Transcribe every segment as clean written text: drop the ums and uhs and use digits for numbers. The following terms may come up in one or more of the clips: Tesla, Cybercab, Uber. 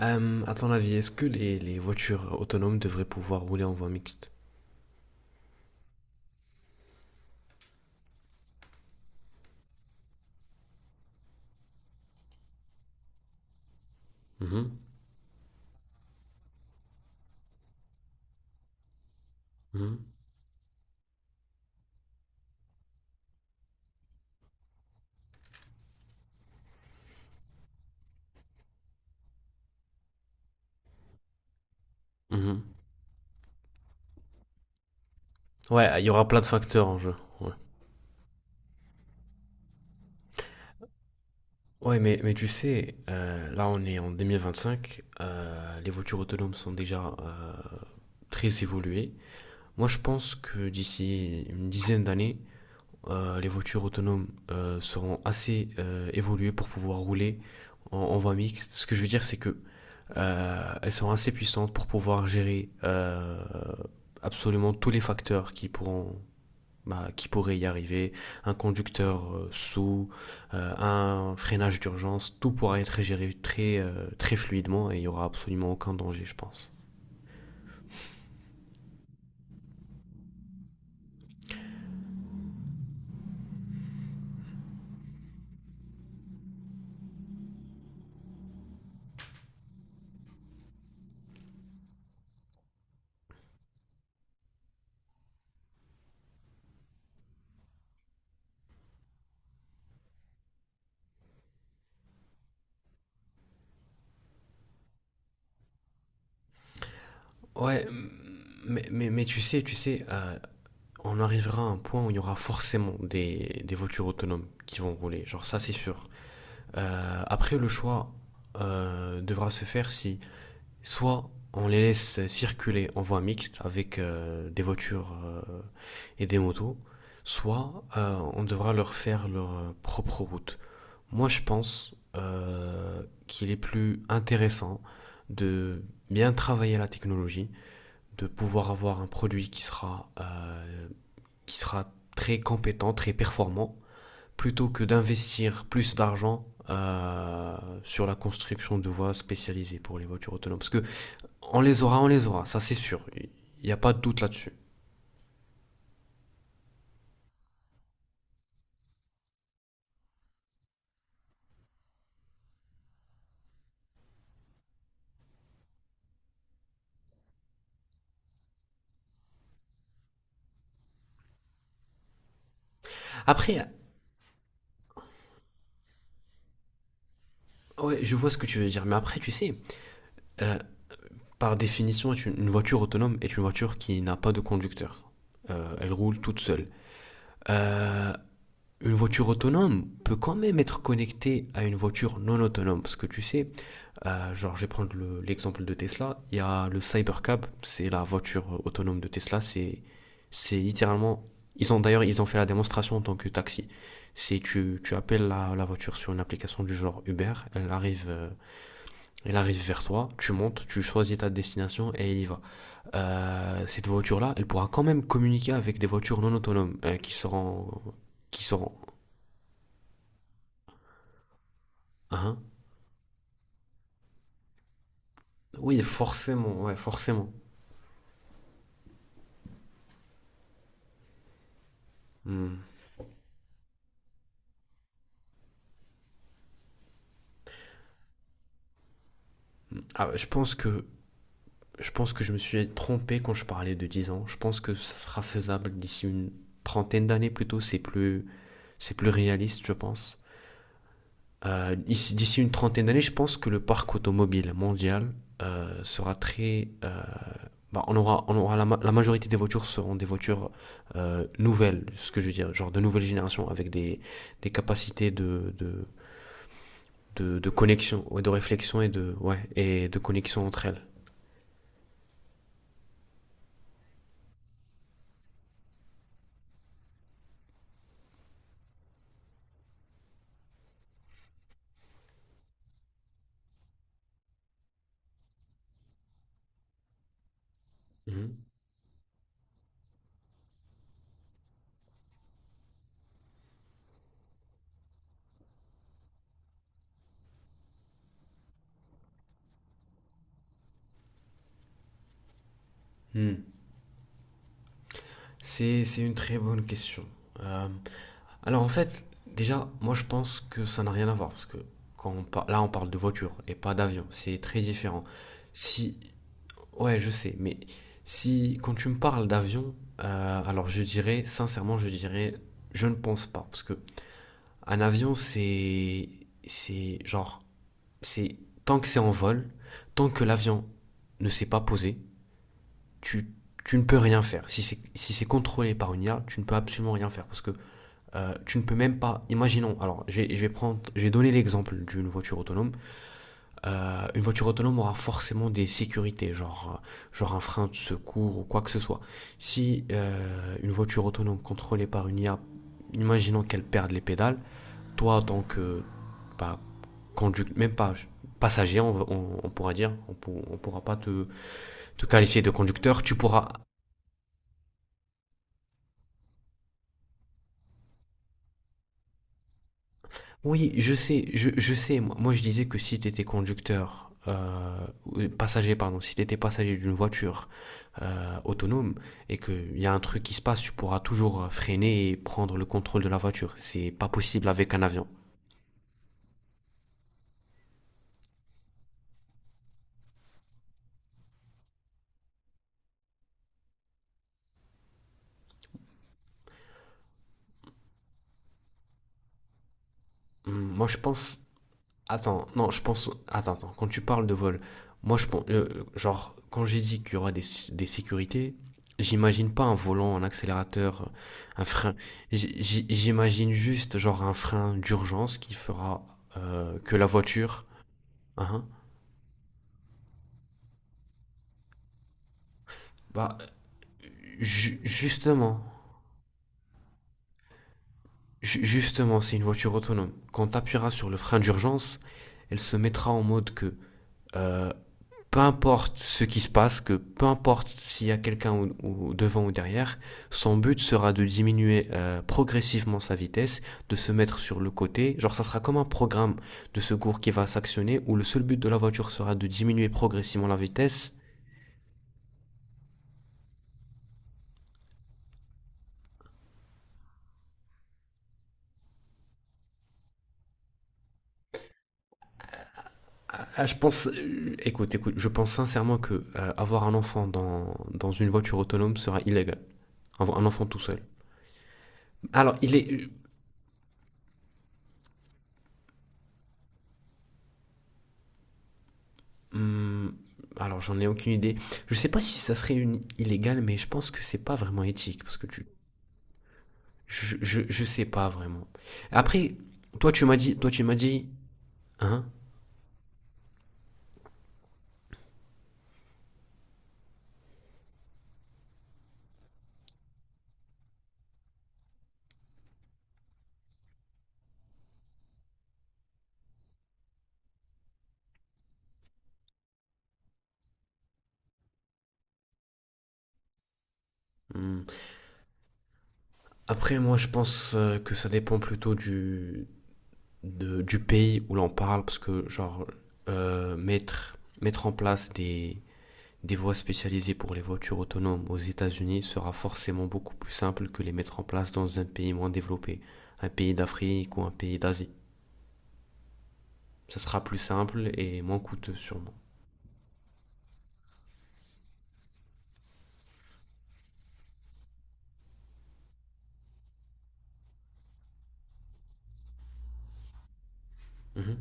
À ton avis, est-ce que les voitures autonomes devraient pouvoir rouler en voie mixte? Mhm, mhm. Mhm. Ouais, il y aura plein de facteurs en jeu. Ouais. Ouais, mais tu sais, là on est en 2025, les voitures autonomes sont déjà très évoluées. Moi je pense que d'ici une dizaine d'années, les voitures autonomes seront assez évoluées pour pouvoir rouler en voie mixte. Ce que je veux dire, c'est que elles sont assez puissantes pour pouvoir gérer absolument tous les facteurs qui pourront, bah, qui pourraient y arriver, un conducteur, sous, un freinage d'urgence, tout pourra être géré très, très fluidement et il n'y aura absolument aucun danger, je pense. Ouais, mais tu sais, on arrivera à un point où il y aura forcément des voitures autonomes qui vont rouler, genre ça c'est sûr. Après, le choix devra se faire si. Soit on les laisse circuler en voie mixte avec des voitures et des motos, soit on devra leur faire leur propre route. Moi, je pense qu'il est plus intéressant de bien travailler la technologie, de pouvoir avoir un produit qui sera très compétent, très performant, plutôt que d'investir plus d'argent sur la construction de voies spécialisées pour les voitures autonomes. Parce que on les aura, ça c'est sûr. Il n'y a pas de doute là-dessus. Après, ouais, je vois ce que tu veux dire, mais après, tu sais, euh, par définition, une voiture autonome est une voiture qui n'a pas de conducteur. Elle roule toute seule. Euh, une voiture autonome peut quand même être connectée à une voiture non autonome, parce que tu sais. Genre, je vais prendre l'exemple de Tesla. Il y a le Cybercab, c'est la voiture autonome de Tesla. C'est littéralement. Ils ont d'ailleurs, ils ont fait la démonstration en tant que taxi. C'est tu appelles la voiture sur une application du genre Uber, elle arrive vers toi, tu montes, tu choisis ta destination et elle y va. Cette voiture-là, elle pourra quand même communiquer avec des voitures non autonomes qui seront, qui seront. Hein, oui, forcément, ouais, forcément. Hmm. Ah, je pense que je me suis trompé quand je parlais de 10 ans. Je pense que ça sera faisable d'ici une trentaine d'années plutôt. C'est plus réaliste, je pense. Euh, D'ici une trentaine d'années, je pense que le parc automobile mondial sera très. Bah, on aura la majorité des voitures seront des voitures nouvelles, ce que je veux dire, genre de nouvelle génération avec des capacités de connexion, ouais, de réflexion et de, ouais, et de connexion entre elles. Hmm. C'est une très bonne question. Euh, Alors en fait, déjà, moi je pense que ça n'a rien à voir parce que quand là on parle de voiture et pas d'avion, c'est très différent. Si, ouais, je sais, mais si quand tu me parles d'avion, alors je dirais sincèrement, je ne pense pas parce que un avion c'est genre c'est tant que c'est en vol, tant que l'avion ne s'est pas posé, tu tu ne peux rien faire. Si c'est contrôlé par une IA, tu ne peux absolument rien faire parce que tu ne peux même pas, imaginons, alors je vais prendre, j'ai donné l'exemple d'une voiture autonome. Une voiture autonome aura forcément des sécurités, genre un frein de secours ou quoi que ce soit. Si une voiture autonome contrôlée par une IA, imaginons qu'elle perde les pédales, toi en tant que, bah, conducteur, même pas passager, on pourra dire, on pourra pas te, qualifier de conducteur, tu pourras. Oui, je sais, je sais. Moi, je disais que si tu étais conducteur, passager, pardon, si tu étais passager d'une voiture autonome et qu'il y a un truc qui se passe, tu pourras toujours freiner et prendre le contrôle de la voiture. C'est pas possible avec un avion. Moi, je pense. Attends, non, je pense. Attends, attends, quand tu parles de vol, moi je pense. Genre, quand j'ai dit qu'il y aura des sécurités, j'imagine pas un volant, un accélérateur, un frein. J'imagine juste, genre, un frein d'urgence qui fera que la voiture. Hein, bah, ju- justement, justement, c'est une voiture autonome. Quand tu appuieras sur le frein d'urgence, elle se mettra en mode que euh, peu importe ce qui se passe, que peu importe s'il y a quelqu'un ou devant ou derrière, son but sera de diminuer progressivement sa vitesse, de se mettre sur le côté. Genre, ça sera comme un programme de secours qui va s'actionner où le seul but de la voiture sera de diminuer progressivement la vitesse. Ah, je pense, écoute, écoute, je pense sincèrement que avoir un enfant dans une voiture autonome sera illégal. Un enfant tout seul. Alors, il est, Hmm, alors j'en ai aucune idée. Je sais pas si ça serait une illégal, mais je pense que c'est pas vraiment éthique parce que je sais pas vraiment. Après, toi tu m'as dit, hein? Hmm. Après moi je pense que ça dépend plutôt du pays où l'on parle parce que genre mettre en place des voies spécialisées pour les voitures autonomes aux États-Unis sera forcément beaucoup plus simple que les mettre en place dans un pays moins développé, un pays d'Afrique ou un pays d'Asie. Ça sera plus simple et moins coûteux sûrement. Mhm.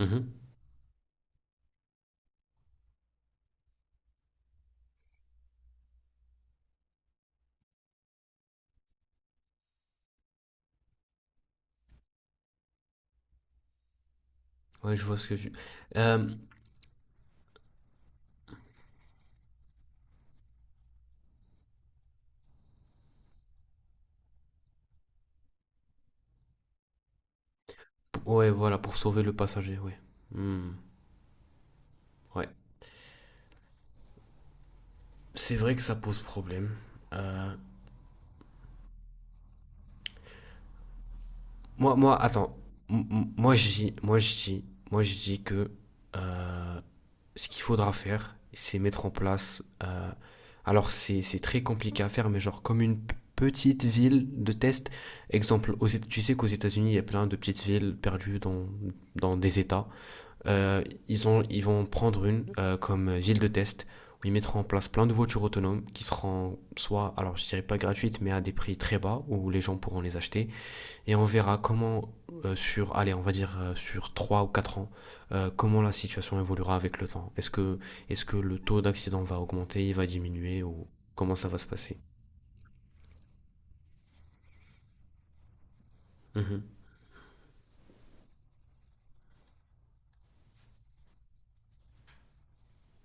Mhm. Ouais, je vois ce que tu. Euh, p- ouais, voilà, pour sauver le passager, ouais. Hmm. Ouais. C'est vrai que ça pose problème. Euh, moi, attends. M- m- moi, je dis, moi, je dis, moi, je dis que euh, ce qu'il faudra faire, c'est mettre en place. Alors, c'est très compliqué à faire, mais genre comme une petite ville de test. Exemple, tu sais qu'aux États-Unis, il y a plein de petites villes perdues dans des États. euh, ils vont prendre une comme ville de test où ils mettront en place plein de voitures autonomes qui seront soit, alors je dirais pas gratuites, mais à des prix très bas où les gens pourront les acheter. Et on verra comment, sur, allez, on va dire sur 3 ou 4 ans, comment la situation évoluera avec le temps. Est-ce que le taux d'accident va augmenter, il va diminuer ou comment ça va se passer. Mhm,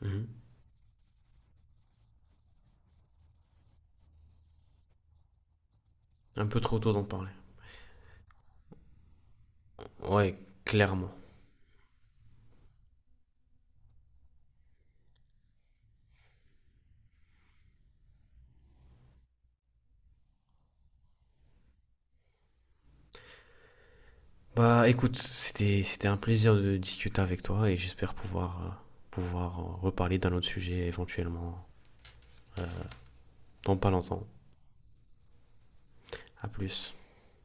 mhm. Un peu trop tôt d'en parler. Ouais, clairement. Bah écoute, c'était un plaisir de discuter avec toi et j'espère pouvoir pouvoir reparler d'un autre sujet éventuellement dans pas longtemps. À plus.